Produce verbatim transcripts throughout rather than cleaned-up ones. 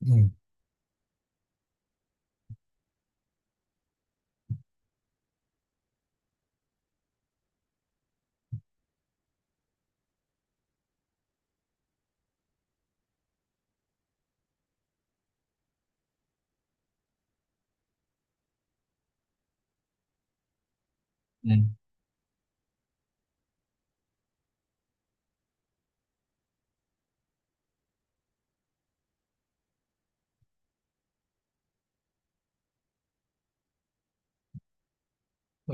مم. مم.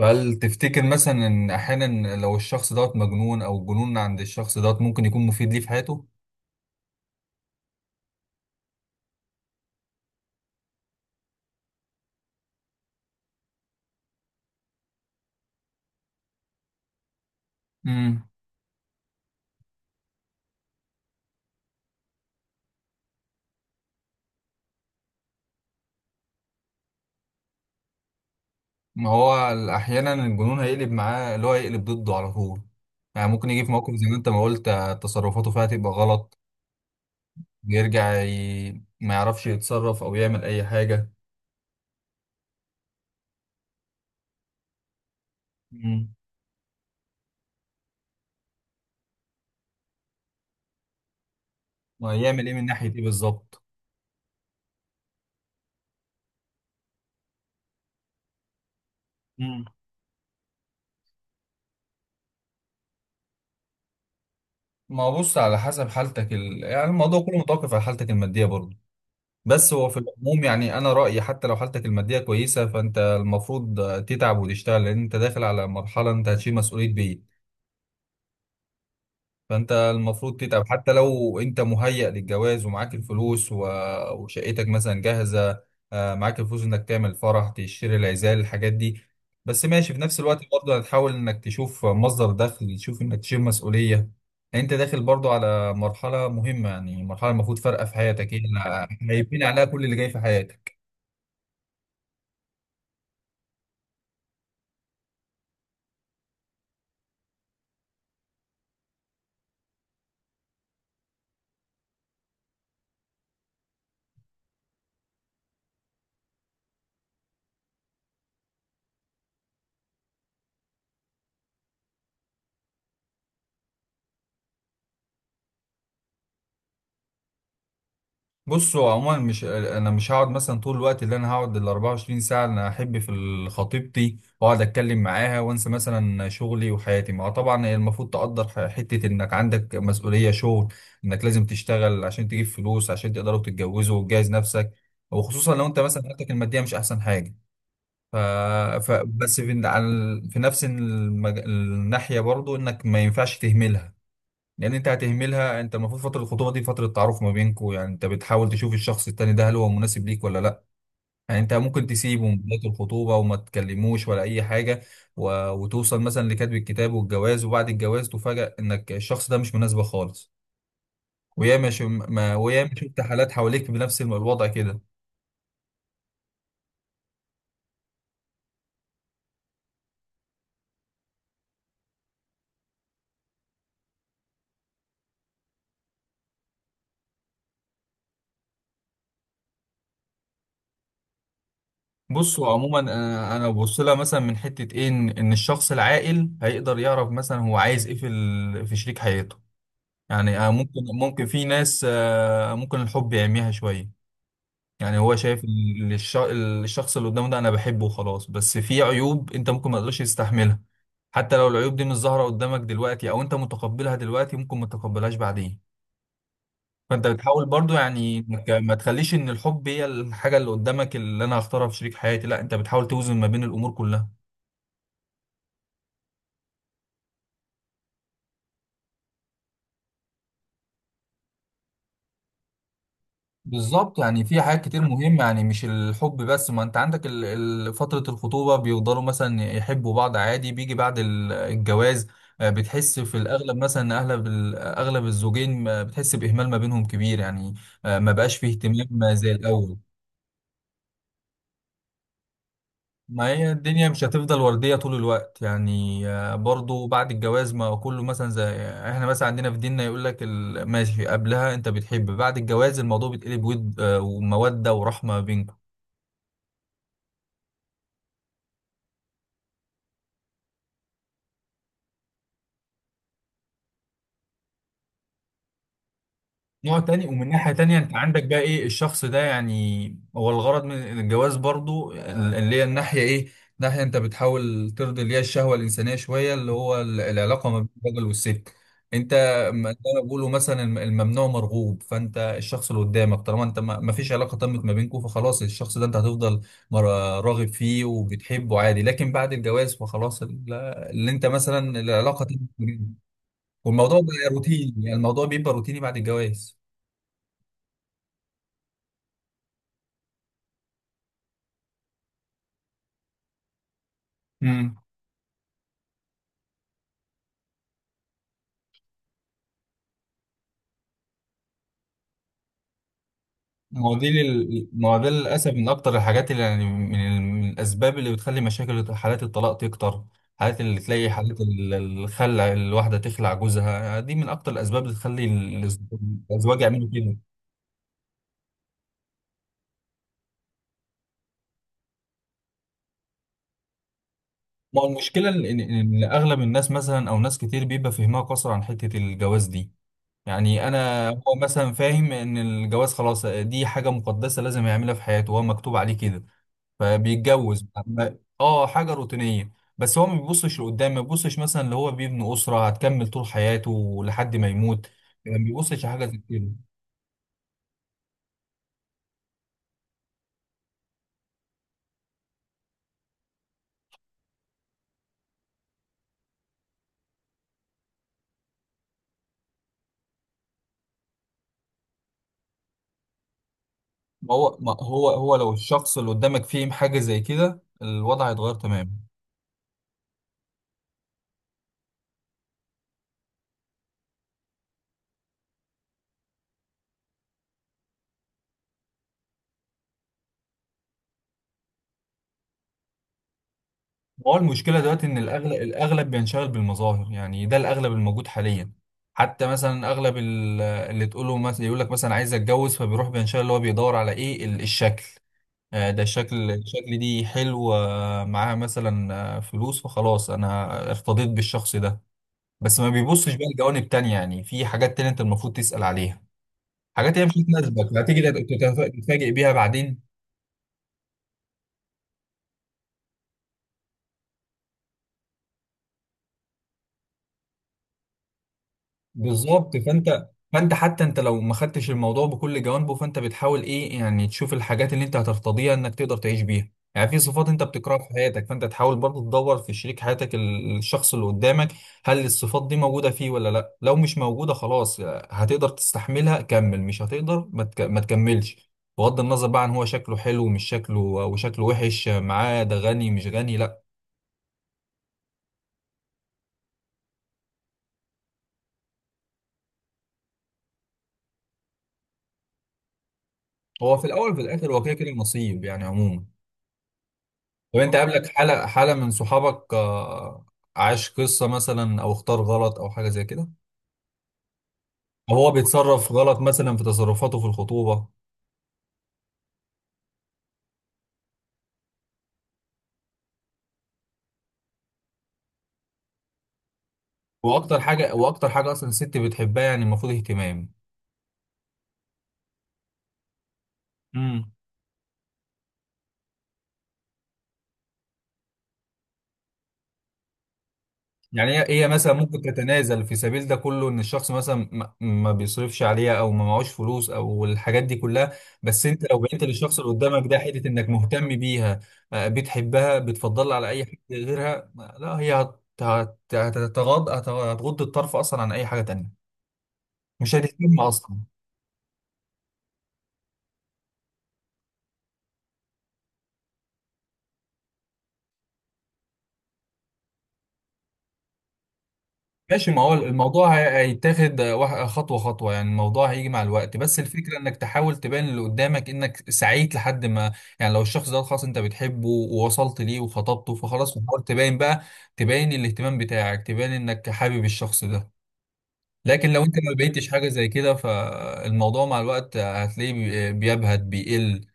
هل تفتكر مثلا ان احيانا لو الشخص دوت مجنون او الجنون عند الشخص دوت ممكن يكون مفيد ليه في حياته؟ امم ما هو احيانا الجنون هيقلب معاه اللي هو هيقلب ضده على طول. يعني ممكن يجي في موقف زي ما انت ما قلت، آه، تصرفاته فيها تبقى غلط. يرجع ي... ما يعرفش يتصرف او يعمل اي حاجة. امم ما يعمل ايه من ناحية ايه بالظبط؟ امم ما هو بص على حسب حالتك ال... يعني الموضوع كله متوقف على حالتك المادية برضه. بس هو في العموم يعني انا رايي حتى لو حالتك الماديه كويسه فانت المفروض تتعب وتشتغل لان انت داخل على مرحله انت هتشيل مسؤوليه بيت. فانت المفروض تتعب حتى لو انت مهيأ للجواز ومعاك الفلوس و- وشقتك مثلا جاهزه. آه، معاك الفلوس انك تعمل فرح تشتري العزال الحاجات دي. بس ماشي في نفس الوقت برضه هتحاول انك تشوف مصدر دخل، تشوف انك تشيل مسؤوليه. يعني انت داخل برضه على مرحله مهمه، يعني مرحله المفروض فارقه في حياتك، هي اللي هيبني عليها كل اللي جاي في حياتك. بصوا عموما، مش انا مش هقعد مثلا طول الوقت اللي انا هقعد ال اربع وعشرين ساعه اللي انا احب في ال- خطيبتي واقعد اتكلم معاها وانسى مثلا شغلي وحياتي. ما هو طبعا هي المفروض تقدر ح- حته انك عندك مسؤوليه شغل. انك لازم تشتغل عشان تجيب فلوس عشان تقدروا تتجوزوا وتجهز نفسك، وخصوصا لو انت مثلا حالتك الماديه مش احسن حاجه. ف... ف... بس في، على... ال- في نفس المج... الناحيه برضو انك ما ينفعش تهملها. لان انت هتهملها. انت المفروض فتره الخطوبه دي فتره تعارف ما بينكم. يعني انت بتحاول تشوف الشخص التاني ده هل هو مناسب ليك ولا لا. يعني انت ممكن تسيبه من بدايه الخطوبه وما تكلموش ولا اي حاجه، و... وتوصل مثلا لكتب الكتاب والجواز، وبعد الجواز تفاجأ انك الشخص ده مش مناسبه خالص. وياما ش... ما... وياما شفت حالات حواليك بنفس الوضع كده. بصوا عموما انا انا ببص لها مثلا من حته ايه. ان إن الشخص العاقل هيقدر يعرف مثلا هو عايز ايه في ال... في شريك حياته. يعني، آه، ممكن ممكن في ناس، آه، ممكن الحب يعميها شوية. يعني هو شايف ال- الش- الشخص اللي قدامه ده انا بحبه وخلاص. بس في عيوب انت ممكن ما تقدرش تستحملها. حتى لو العيوب دي مش ظاهرة قدامك دلوقتي او انت متقبلها دلوقتي ممكن ما تتقبلهاش بعدين. فانت بتحاول برضو يعني انك ما تخليش ان الحب هي الحاجة اللي قدامك اللي انا هختارها في شريك حياتي. لا، انت بتحاول توزن ما بين الامور كلها. بالظبط. يعني في حاجات كتير مهمة، يعني مش الحب بس. ما انت عندك ال- ال- فترة الخطوبة بيفضلوا مثلا يحبوا بعض عادي، بيجي بعد ال- الجواز. آه، بتحس في الأغلب مثلا إن أغلب ال- أغلب الزوجين، آه، بتحس بإهمال ما بينهم كبير يعني. آه، ما بقاش فيه اهتمام زي الأول. ما هي الدنيا مش هتفضل وردية طول الوقت. يعني، آه، برضو بعد الجواز ما كله مثلا زي احنا مثلا عندنا في ديننا يقول لك ال- ماشي، قبلها انت بتحب، بعد الجواز الموضوع بيتقلب ود، آه، ومودة ورحمة بينكم. نوع تاني. ومن ناحية تانية انت عندك بقى ايه الشخص ده. يعني هو الغرض من الجواز برضو اللي هي الناحية ايه، ناحية انت بتحاول ترضي اللي هي الشهوة الإنسانية شوية، اللي هو ال- العلاقة ما بين الراجل والست. انت، م- زي ما بيقولوا مثلا الم- الممنوع مرغوب. فانت الشخص اللي قدامك، طالما انت ما ما فيش علاقة تمت ما بينكم، فخلاص الشخص ده انت هتفضل مر- راغب فيه وبتحبه عادي. لكن بعد الجواز فخلاص ال- اللي انت مثلا العلاقة تمت ما بينكم والموضوع بقى روتيني. يعني الموضوع بيبقى روتيني بعد الجواز. امم هو دي لل... ما هو ده للاسف من اكتر الحاجات اللي يعني من, ال... من الاسباب اللي بتخلي مشاكل حالات الطلاق تكتر. حالات اللي تلاقي حالات ال- الخلع، الواحده تخلع جوزها دي، من اكتر الاسباب اللي تخلي ال- الازواج يعملوا كده. ما هو المشكله ان ان إن اغلب الناس مثلا او ناس كتير بيبقى فهمها قصر عن حته الجواز دي. يعني انا هو مثلا فاهم ان الجواز خلاص دي حاجه مقدسه لازم يعملها في حياته وهو مكتوب عليه كده، فبيتجوز ما- اه حاجه روتينيه. بس هو ما بيبصش لقدام، ما بيبصش مثلا اللي هو بيبني اسره هتكمل طول حياته لحد ما يموت. يعني ما بيبصش لحاجه زي كده. ما هو ما هو هو لو الشخص اللي قدامك فيه حاجه زي كده الوضع هيتغير تماما. هو المشكله دلوقتي ان الاغلب الاغلب بينشغل بالمظاهر. يعني ده الاغلب الموجود حاليا. حتى مثلا اغلب ال- اللي تقوله مثلا، يقول لك مثلا عايز اتجوز، فبيروح بينشغل اللي هو بيدور على ايه ال- الشكل. آه، ده الشكل الشكل دي حلو، آه، معاها مثلا، آه، فلوس، فخلاص انا ارتضيت بالشخص ده. بس ما بيبصش بقى لجوانب تانية. يعني في حاجات تانية انت المفروض تسأل عليها، حاجات هي مش هتناسبك، هتيجي تت- تتف- تتفاجئ بيها بعدين. بالظبط. فانت فانت حتى انت لو ما خدتش الموضوع بكل جوانبه، فانت بتحاول ايه يعني تشوف الحاجات اللي انت هترتضيها انك تقدر تعيش بيها. يعني في صفات انت بتكرهها في حياتك، فانت تحاول برضه تدور في شريك حياتك ال- الشخص اللي قدامك هل الصفات دي موجودة فيه ولا لا. لو مش موجودة خلاص هتقدر تستحملها كمل، مش هتقدر ما تك- ما تكملش. بغض النظر بقى عن هو شكله حلو مش شكله، وشكله وحش معاه، ده غني مش غني، لا. هو في الاول وفي الاخر هو كده كده نصيب يعني عموما. طب انت قابلك حالة حالة من صحابك، آه، عاش قصة مثلا او اختار غلط او حاجة زي كده، او هو بيتصرف غلط مثلا في تصرفاته في الخطوبة؟ واكتر حاجة واكتر حاجة اصلا الست بتحبها، يعني المفروض اهتمام. يعني هي هي مثلا ممكن تتنازل في سبيل ده كله، ان الشخص مثلا ما ما بيصرفش عليها او ما معهوش فلوس او الحاجات دي كلها. بس انت لو بينت للشخص اللي قدامك ده حته انك مهتم بيها، آه، بتحبها، بتفضلها على اي حاجه غيرها، ما- لا، هي هت- هت- هتتغاض هت- هتغض الطرف اصلا عن اي حاجه تانيه. مش هتهتم اصلا. ماشي. ما هو الموضوع هي- هيتاخد واح- خطوة خطوة. يعني الموضوع هيجي مع الوقت، بس الفكرة انك تحاول تبان اللي قدامك انك سعيت لحد ما. يعني لو الشخص ده خلاص انت بتحبه ووصلت ليه وخطبته، فخلاص تحاول تبان بقى. تبان الاهتمام بتاعك، تبان انك حابب الشخص ده. لكن لو انت ما بقيتش حاجة زي كده فالموضوع مع الوقت هتلاقيه بي- بيبهت بيقل.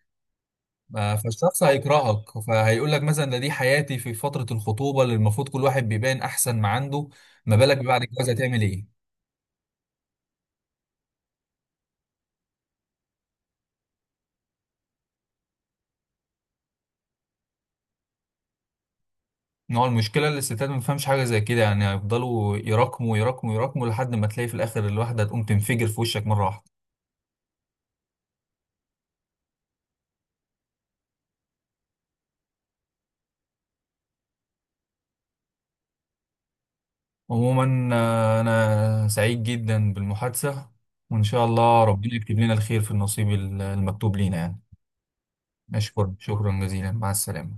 ما- فالشخص هيكرهك، فهيقول لك مثلا ده دي حياتي في فترة الخطوبة اللي المفروض كل واحد بيبان احسن ما عنده، ما بالك بعد الجواز هتعمل ايه؟ ان هو المشكلة اللي الستات ما بتفهمش حاجة زي كده. يعني هيفضلوا يراكموا يراكموا يراكموا لحد ما تلاقي في الآخر الواحدة تقوم تنفجر في وشك مرة واحدة. عموما، آه، أنا سعيد جدا بالمحادثة، وإن شاء الله ربنا يكتب لنا الخير في النصيب المكتوب لينا يعني. أشكر شكرا جزيلا، مع السلامة.